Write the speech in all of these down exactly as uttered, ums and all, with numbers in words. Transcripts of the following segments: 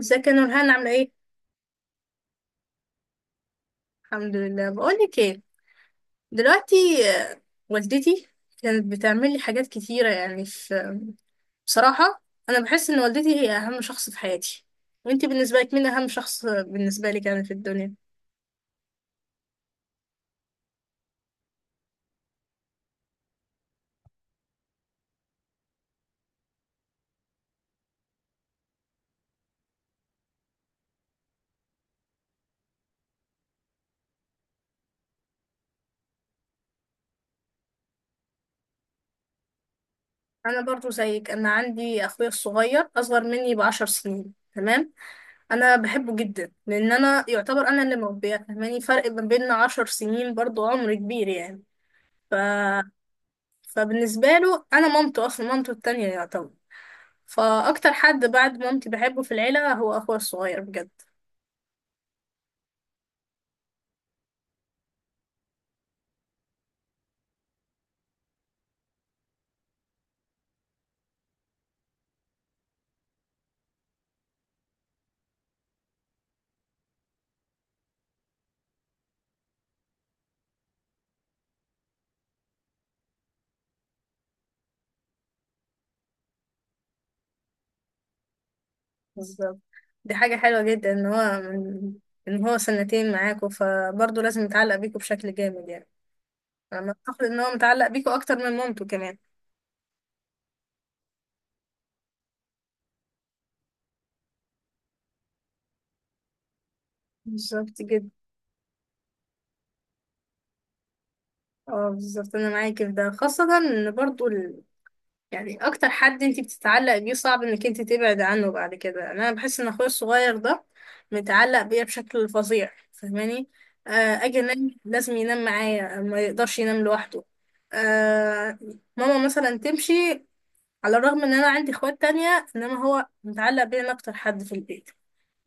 ازيك يا نورهان عاملة ايه؟ الحمد لله. بقولك ايه دلوقتي. آه، والدتي كانت بتعمل لي حاجات كتيرة يعني في، بصراحة أنا بحس إن والدتي هي أهم شخص في حياتي. وانتي بالنسبة لك مين أهم شخص بالنسبة لك يعني في الدنيا؟ أنا برضو زيك، أنا عندي أخويا الصغير أصغر مني بعشر سنين، تمام. أنا بحبه جدا لأن أنا يعتبر أنا اللي مربية، فاهماني فرق ما بيننا عشر سنين برضو عمر كبير يعني. ف... فبالنسبة له أنا مامته، أصلا مامته التانية يعتبر. فاكتر حد بعد مامتي بحبه في العيله هو اخويا الصغير بجد. بالظبط. دي حاجه حلوه جدا ان هو من ان هو سنتين معاكوا فبرضه لازم يتعلق بيكوا بشكل جامد يعني. انا اعتقد ان هو متعلق بيكوا اكتر من مامته كمان. بالظبط جدا. اه بالظبط انا معاكي في ده، خاصه ان برضه يعني اكتر حد انت بتتعلق بيه صعب انك انت تبعد عنه بعد كده. يعني انا بحس ان اخويا الصغير ده متعلق بيا بشكل فظيع فاهماني. آه اجي انام لازم ينام معايا، ما يقدرش ينام لوحده. آه ماما مثلا تمشي، على الرغم ان انا عندي اخوات تانية انما هو متعلق بيا انا اكتر حد في البيت.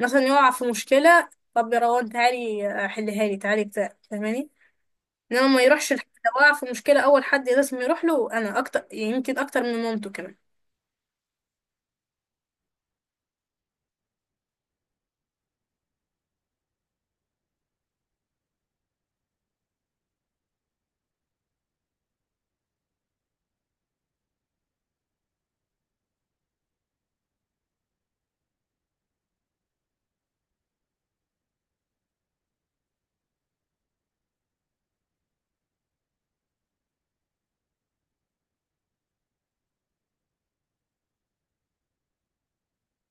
مثلا يقع في مشكلة، طب يا روان تعالي آه، حلها لي، تعالي بتاع فاهماني. انما ما يروحش لحد. لو وقع في مشكلة اول حد لازم يروح له انا، اكتر يمكن اكتر من مامته كمان.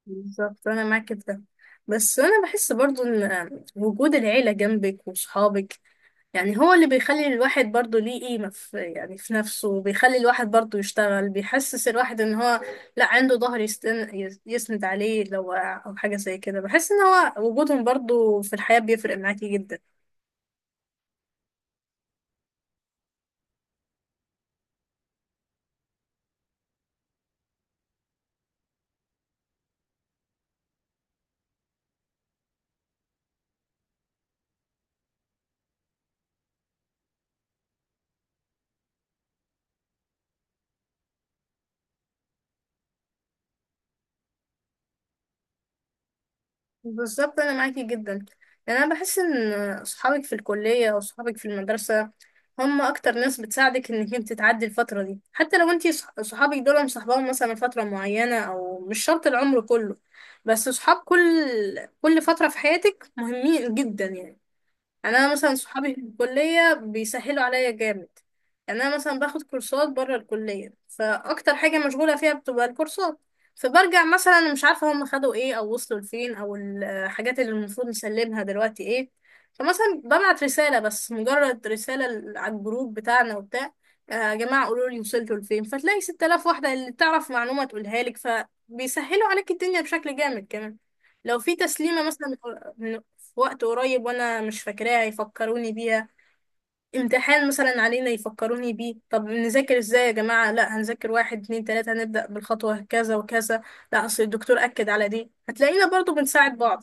بالظبط انا معاك في ده. بس انا بحس برضو ان وجود العيله جنبك وصحابك يعني هو اللي بيخلي الواحد برضو ليه قيمه في، يعني في نفسه، وبيخلي الواحد برضو يشتغل، بيحسس الواحد ان هو لا عنده ظهر يستن... يسند عليه لو وقع او حاجه زي كده. بحس ان هو وجودهم برضو في الحياه بيفرق معاكي جدا. بالظبط انا معاكي جدا. يعني انا بحس ان صحابك في الكليه او صحابك في المدرسه هم اكتر ناس بتساعدك انك انت تعدي الفتره دي، حتى لو انت صح- صحابك دول مصاحباهم مثلا فتره معينه او مش شرط العمر كله، بس صحاب كل كل فتره في حياتك مهمين جدا يعني. يعني انا مثلا صحابي في الكليه بيسهلوا عليا جامد. يعني انا مثلا باخد كورسات بره الكليه، فاكتر حاجه مشغوله فيها بتبقى الكورسات. فبرجع مثلا مش عارفه هم خدوا ايه او وصلوا لفين او الحاجات اللي المفروض نسلمها دلوقتي ايه. فمثلا ببعت رساله، بس مجرد رساله ل- على الجروب بتاعنا وبتاع، آه، يا جماعه قولوا لي وصلتوا لفين، فتلاقي ستة آلاف واحده اللي تعرف معلومه تقولها لك. فبيسهلوا عليك الدنيا بشكل جامد كمان. لو في تسليمه مثلا من، في وقت قريب وانا مش فاكراها يفكروني بيها، امتحان مثلا علينا يفكروني بيه، طب نذاكر ازاي يا جماعة، لا هنذاكر واحد اتنين تلاتة، هنبدأ بالخطوة كذا وكذا، لا اصل الدكتور أكد على دي. هتلاقينا برضو بنساعد بعض.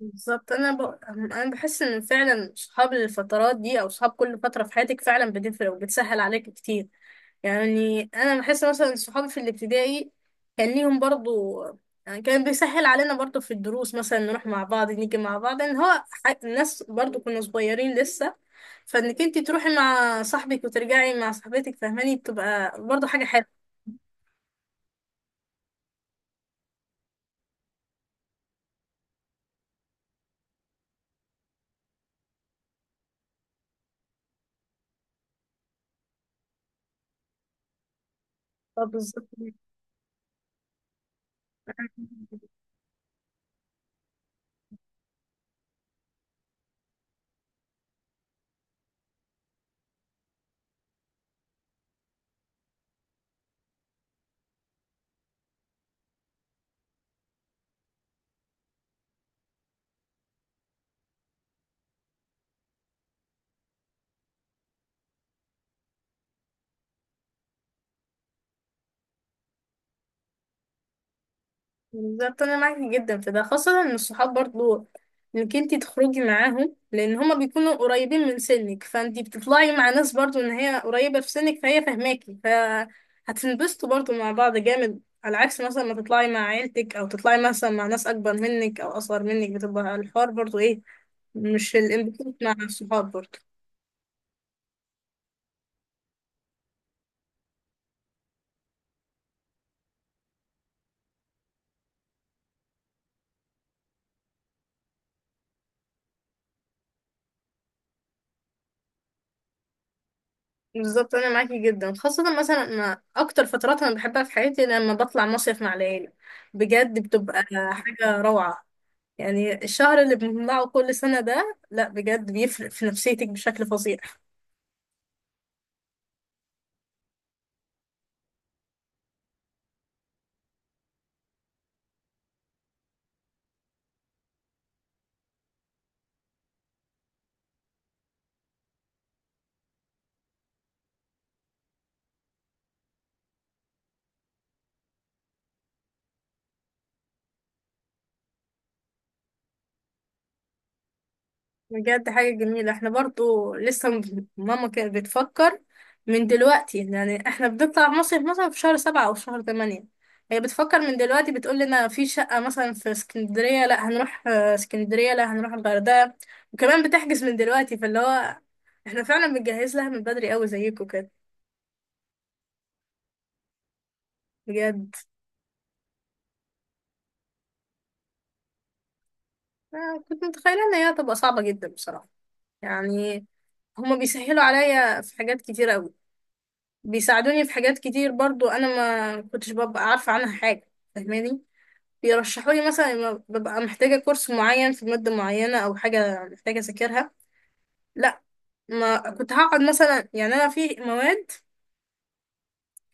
بالظبط. انا ب... انا بحس ان فعلا صحاب الفترات دي او صحاب كل فتره في حياتك فعلا بتفرق وبتسهل عليك كتير. يعني انا بحس مثلا صحابي في الابتدائي كان ليهم برضو، يعني كان بيسهل علينا برضو في الدروس مثلا نروح مع بعض نيجي مع بعض، ان هو ح- الناس برضو كنا صغيرين لسه، فانك انت تروحي مع صاحبك وترجعي مع صاحبتك فاهماني بتبقى برضو حاجه حلوه. طب بالظبط. بالظبط انا معاكي جدا في ده، خاصة ان الصحاب برضو انك انتي تخرجي معاهم لان هما بيكونوا قريبين من سنك، فانتي بتطلعي مع ناس برضو ان هي قريبة في سنك فهي فاهماكي فهتنبسطوا برضو مع بعض جامد، على عكس مثلا ما تطلعي مع عيلتك او تطلعي مثلا مع ناس اكبر منك او اصغر منك بتبقى الحوار برضو ايه، مش الانبساط مع الصحاب برضو. بالظبط انا معاكي جدا، خاصة مثلا أنا اكتر فترات انا بحبها في حياتي لما بطلع مصيف مع العيلة. بجد بتبقى حاجة روعة. يعني الشهر اللي بنجمعه كل سنة ده لا بجد بيفرق في نفسيتك بشكل فظيع. بجد حاجة جميلة. احنا برضو لسه م- ماما كانت بتفكر من دلوقتي، يعني احنا بنطلع مصيف مثلا في شهر سبعة أو شهر تمانية. هي بتفكر من دلوقتي بتقول لنا في شقة مثلا في اسكندرية، لا هنروح آه، اسكندرية لا هنروح الغردقة. وكمان بتحجز من دلوقتي، فاللي هو احنا فعلا بنجهز لها من بدري قوي زيكم كده. بجد. آه، كنت متخيلة ان هي هتبقى صعبة جدا بصراحة. يعني هما بيسهلوا عليا في حاجات كتير قوي، بيساعدوني في حاجات كتير برضو انا ما كنتش ببقى عارفة عنها حاجة فاهماني. بيرشحوا لي مثلا لما ببقى محتاجة كورس معين في مادة معينة او حاجة محتاجة اذاكرها، لا ما كنت هقعد مثلا، يعني انا في مواد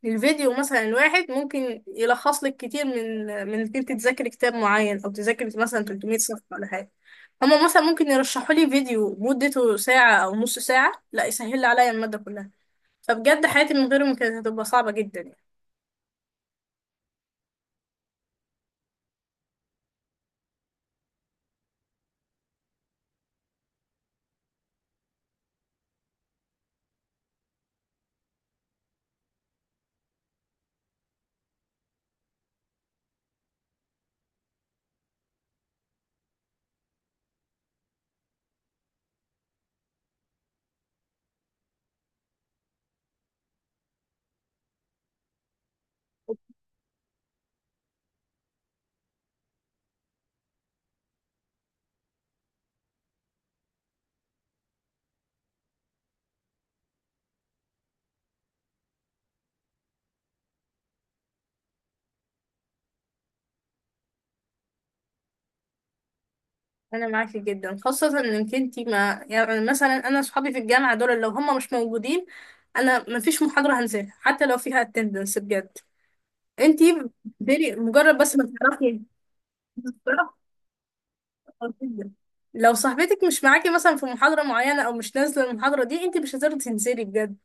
الفيديو مثلا الواحد ممكن يلخص لك كتير، من من انك انت تذاكري كتاب معين او تذاكري مثلا ثلاثمية صفحة ولا حاجة. هما مثلا ممكن يرشحوا لي فيديو مدته ساعة او نص ساعة لا يسهل لي عليا المادة كلها. فبجد حياتي من غيرهم كانت هتبقى صعبة جدا يعني. أنا معاكي جدا، خاصة إنك انتي ما يعني، مثلا أنا صحابي في الجامعة دول لو هم مش موجودين أنا مفيش محاضرة هنزلها حتى لو فيها اتندنس بجد. انتي بتبتدي مجرد بس ما تعرفي. جدا. لو صاحبتك مش معاكي مثلا في محاضرة معينة أو مش نازلة المحاضرة دي انتي مش هتقدري تنزلي بجد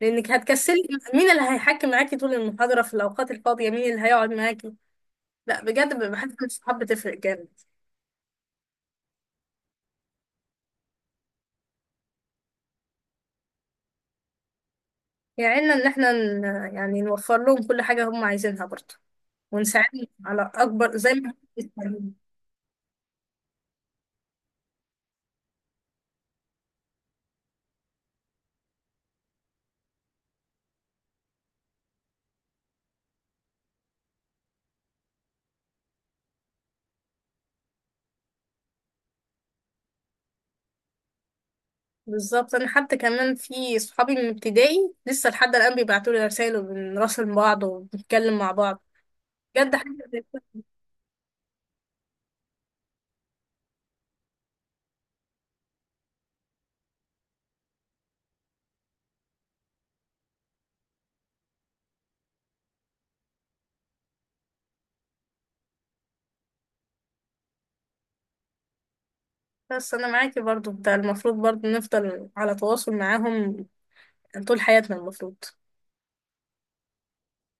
لأنك هتكسلي. مين اللي هيحكي معاكي طول المحاضرة في الأوقات الفاضية، مين اللي هيقعد معاكي؟ لا بجد بحس إن الصحاب بتفرق جامد. يعيننا ان احنا ن- يعني نوفر لهم كل حاجة هم عايزينها برضه، ونساعدهم على اكبر زي ما إحنا. بالظبط انا حتى كمان في صحابي من ابتدائي لسه لحد الان بيبعتوا لي رسائل وبنراسل بعض وبنتكلم مع بعض بجد حاجة زي كده. بس انا معاكي برضه، ده المفروض برضه نفضل على تواصل معاهم طول حياتنا المفروض